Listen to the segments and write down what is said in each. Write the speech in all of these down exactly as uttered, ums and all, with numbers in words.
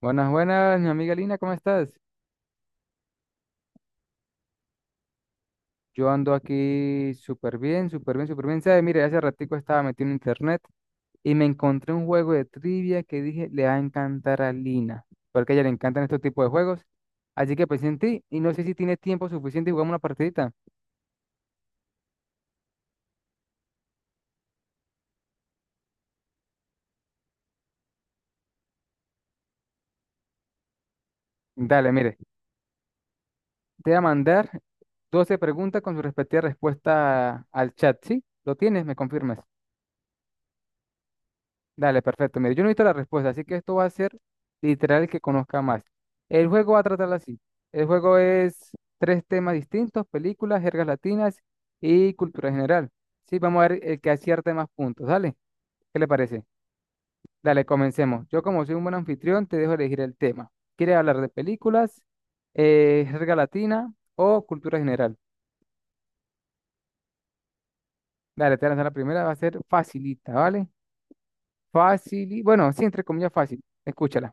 Buenas, buenas, mi amiga Lina, ¿cómo estás? Yo ando aquí súper bien, súper bien, súper bien. ¿Sabes? Mire, hace ratico estaba metido en internet y me encontré un juego de trivia que dije le va a encantar a Lina, porque a ella le encantan estos tipos de juegos. Así que pensé en ti y no sé si tiene tiempo suficiente y jugamos una partidita. Dale, mire, te voy a mandar doce preguntas con su respectiva respuesta al chat, ¿sí? ¿Lo tienes? ¿Me confirmas? Dale, perfecto. Mire, yo no he visto la respuesta, así que esto va a ser literal el que conozca más. El juego va a tratar así. El juego es tres temas distintos, películas, jergas latinas y cultura general. Sí, vamos a ver el que acierte más puntos. Dale, ¿qué le parece? Dale, comencemos. Yo como soy un buen anfitrión, te dejo elegir el tema. ¿Quieres hablar de películas, eh, jerga latina o cultura general? Dale, te voy a lanzar la primera, va a ser facilita, ¿vale? Fácil, y- bueno, sí, entre comillas fácil. Escúchala.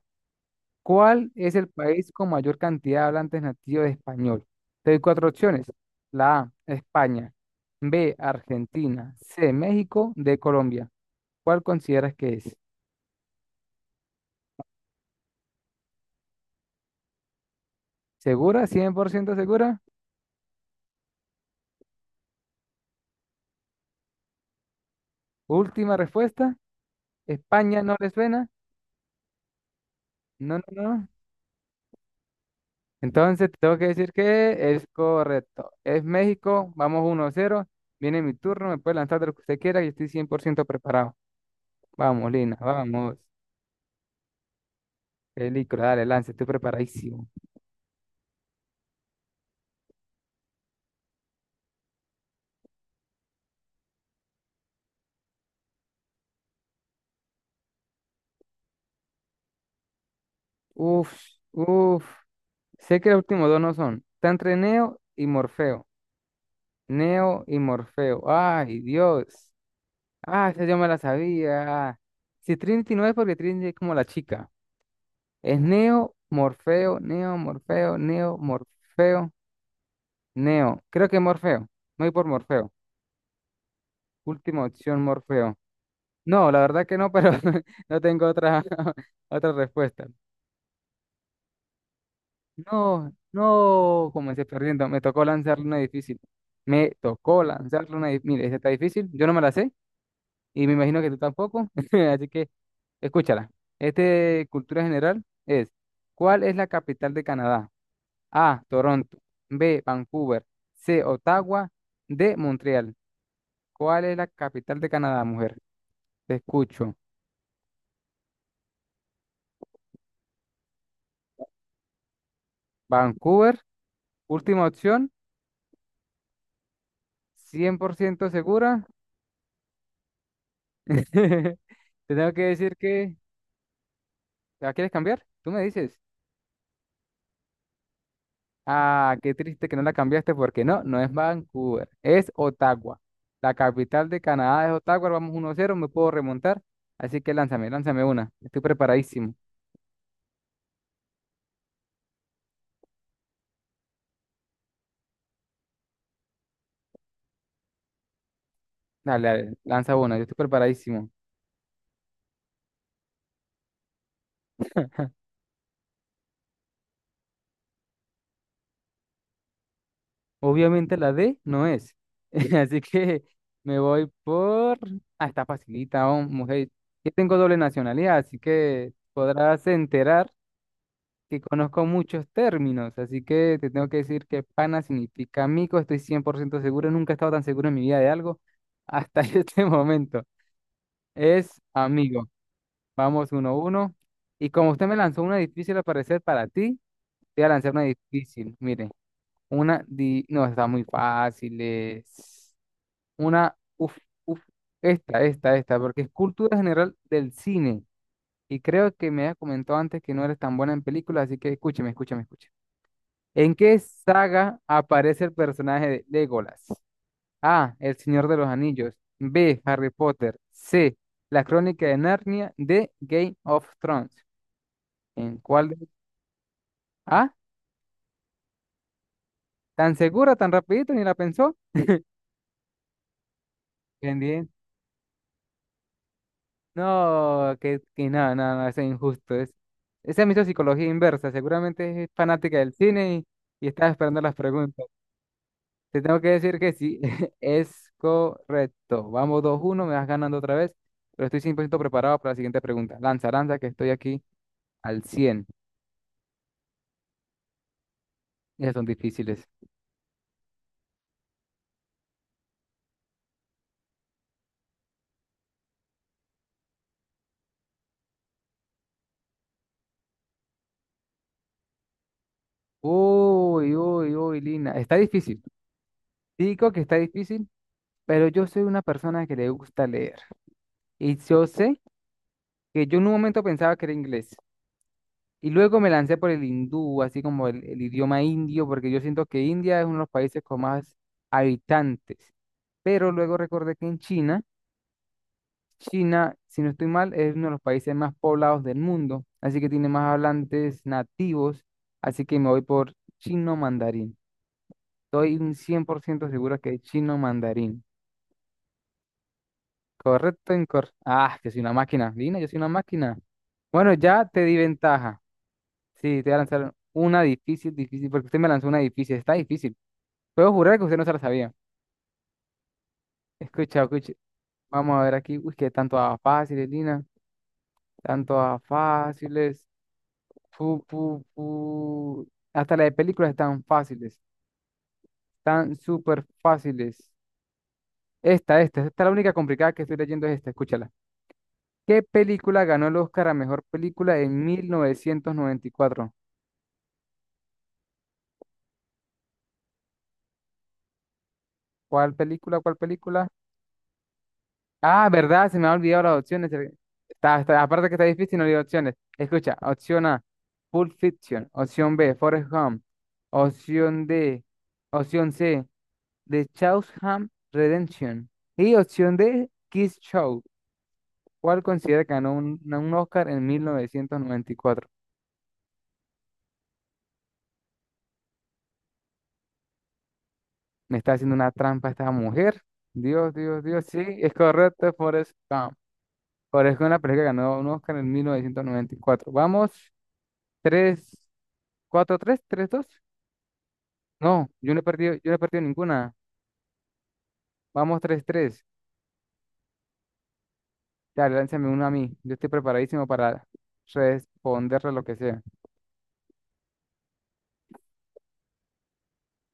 ¿Cuál es el país con mayor cantidad de hablantes nativos de español? Te doy cuatro opciones. La A, España. B, Argentina. C, México. D, Colombia. ¿Cuál consideras que es? ¿Segura? ¿Cien por ciento segura? Última respuesta. ¿España no le suena? No, no, no. Entonces te tengo que decir que es correcto. Es México. Vamos uno a cero. Viene mi turno. Me puede lanzar de lo que usted quiera y estoy cien por ciento preparado. Vamos, Lina. Vamos. Peligro, dale, lance, estoy preparadísimo. Uf, uf. Sé que los últimos dos no son. Está entre Neo y Morfeo. Neo y Morfeo. Ay, Dios. Ah, esa yo me la sabía. Si Trinity no es porque Trinity es como la chica. Es Neo, Morfeo, Neo, Morfeo, Neo, Morfeo. Neo, creo que Morfeo. Me voy por Morfeo. Última opción, Morfeo. No, la verdad que no, pero no tengo otra, otra respuesta. No, no, comencé perdiendo. Me tocó lanzarle una difícil. Me tocó lanzarle una difícil. Mire, esta está difícil. Yo no me la sé y me imagino que tú tampoco. Así que escúchala. Este cultura general es, ¿cuál es la capital de Canadá? A, Toronto. B, Vancouver. C, Ottawa. D, Montreal. ¿Cuál es la capital de Canadá, mujer? Te escucho. Vancouver, última opción, ¿cien por ciento segura? Te tengo que decir que... ¿La quieres cambiar? Tú me dices. Ah, qué triste que no la cambiaste porque no, no es Vancouver, es Ottawa. La capital de Canadá es Ottawa, vamos uno cero, me puedo remontar. Así que lánzame, lánzame una. Estoy preparadísimo. Dale, dale, lanza una, yo estoy preparadísimo. Obviamente la D no es. Así que me voy por... Ah, está facilita, oh, mujer. Yo tengo doble nacionalidad, así que podrás enterar que conozco muchos términos. Así que te tengo que decir que pana significa amigo. Estoy cien por ciento seguro. Nunca he estado tan seguro en mi vida de algo hasta este momento. Es amigo. Vamos uno a uno. Y como usted me lanzó una difícil al parecer para ti, te voy a lanzar una difícil. Mire, una... Di... No, está muy fácil. Una, uf, uf, esta, esta, esta, porque es cultura general del cine. Y creo que me había comentado antes que no eres tan buena en películas, así que escúcheme, escúchame, escúchame. ¿En qué saga aparece el personaje de Legolas? A. El Señor de los Anillos. B. Harry Potter. C. La Crónica de Narnia. D. Game of Thrones. ¿En cuál de... Ah, tan segura, tan rapidito, ni la pensó. Bien. No, que, que no, no, no, eso es injusto. Es, esa es mi psicología inversa. Seguramente es fanática del cine y, y está esperando las preguntas. Te tengo que decir que sí, es correcto. Vamos dos uno, me vas ganando otra vez, pero estoy cien por ciento preparado para la siguiente pregunta. Lanza, lanza, que estoy aquí al cien. Esas son difíciles. Uy, uy, uy, Lina. Está difícil. Digo que está difícil, pero yo soy una persona que le gusta leer. Y yo sé que yo en un momento pensaba que era inglés. Y luego me lancé por el hindú, así como el, el idioma indio, porque yo siento que India es uno de los países con más habitantes. Pero luego recordé que en China, China, si no estoy mal, es uno de los países más poblados del mundo, así que tiene más hablantes nativos, así que me voy por chino mandarín. Estoy un cien por ciento seguro que es chino mandarín. ¿Correcto, incorrecto? Ah, que soy una máquina. Dina, yo soy una máquina. Bueno, ya te di ventaja. Sí, te voy a lanzar una difícil, difícil, porque usted me lanzó una difícil, está difícil. Puedo jurar que usted no se la sabía. Escucha, escucha. Vamos a ver aquí. Uy, que tanto a fáciles, Lina. Tanto a fáciles. Pu, pu, pu. Hasta las de películas están fáciles. Están súper fáciles. Esta, esta, esta es la única complicada que estoy leyendo es esta, escúchala. ¿Qué película ganó el Oscar a mejor película en mil novecientos noventa y cuatro? ¿Cuál película? ¿Cuál película? Ah, verdad, se me ha olvidado las opciones. eh. Está, está- aparte que está difícil, no olvidé opciones. Escucha, opción A, Pulp Fiction. Opción B, Forrest Gump. Opción D, opción C, The Shawshank Redemption. Y opción D, Kiss Show. ¿Cuál considera que ganó un, un Oscar en mil novecientos noventa y cuatro? Me está haciendo una trampa esta mujer. Dios, Dios, Dios. Sí, es correcto, Forrest Gump. Forrest Gump, la película que ganó un Oscar en mil novecientos noventa y cuatro. Vamos, tres. Cuatro tres, tres dos. No, yo no he perdido, yo no he perdido ninguna. Vamos tres tres. Dale, lánzame uno a mí. Yo estoy preparadísimo para responderle lo que sea.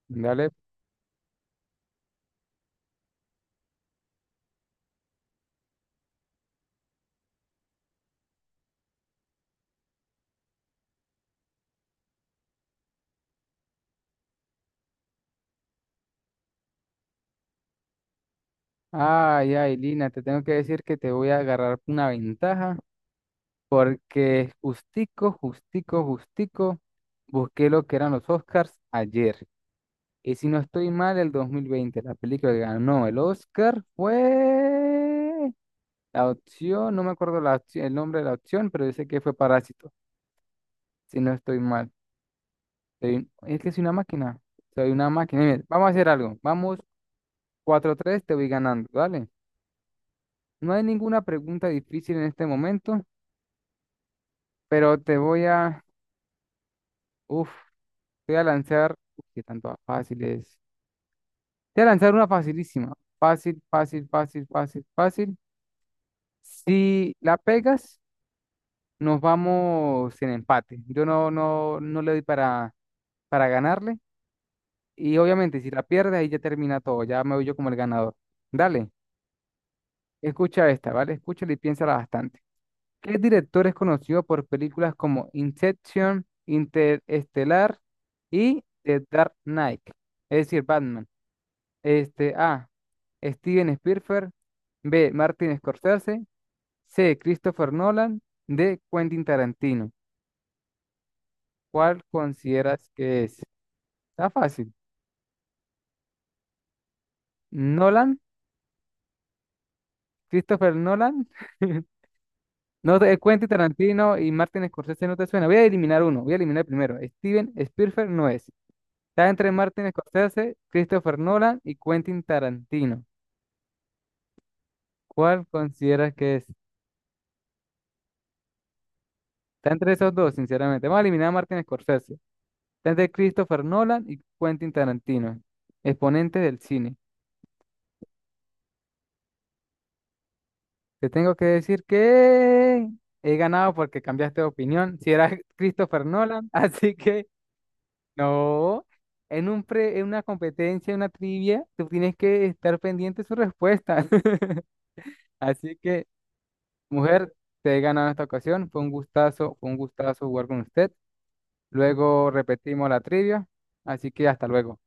Dale. Ay, ay, Lina, te tengo que decir que te voy a agarrar una ventaja porque justico, justico, justico, busqué lo que eran los Oscars ayer. Y si no estoy mal, el dos mil veinte la película que ganó el Oscar fue... La opción, no me acuerdo la opci- el nombre de la opción, pero yo sé que fue Parásito si no estoy mal. Soy- Es que soy una máquina. Soy una máquina. Mira, vamos a hacer algo. Vamos cuatro tres te voy ganando, ¿vale? No hay ninguna pregunta difícil en este momento, pero te voy a... Uf, te voy a lanzar... Uf, qué tanto fácil es. Te voy a lanzar una facilísima. Fácil, fácil, fácil, fácil, fácil. Si la pegas, nos vamos en empate. Yo no, no, no le doy para, para ganarle. Y obviamente, si la pierdes, ahí ya termina todo. Ya me voy yo como el ganador. Dale. Escucha esta, ¿vale? Escúchala y piénsala bastante. ¿Qué director es conocido por películas como Inception, Interestelar y The Dark Knight? Es decir, Batman. Este, A. Steven Spielberg. B. Martin Scorsese. C. Christopher Nolan. D. Quentin Tarantino. ¿Cuál consideras que es? Está fácil. ¿Nolan? ¿Christopher Nolan? No te, Quentin Tarantino y Martin Scorsese no te suena. Voy a eliminar uno, voy a eliminar el primero. Steven Spielberg no es. Está entre Martin Scorsese, Christopher Nolan y Quentin Tarantino. ¿Cuál consideras que es? Está entre esos dos, sinceramente. Vamos a eliminar a Martin Scorsese. Está entre Christopher Nolan y Quentin Tarantino, exponentes del cine. Te tengo que decir que he ganado porque cambiaste de opinión. Si era Christopher Nolan, así que no, en un pre, en una competencia, en una trivia, tú tienes que estar pendiente de su respuesta. Así que, mujer, te he ganado esta ocasión. Fue un gustazo, fue un gustazo jugar con usted. Luego repetimos la trivia. Así que hasta luego.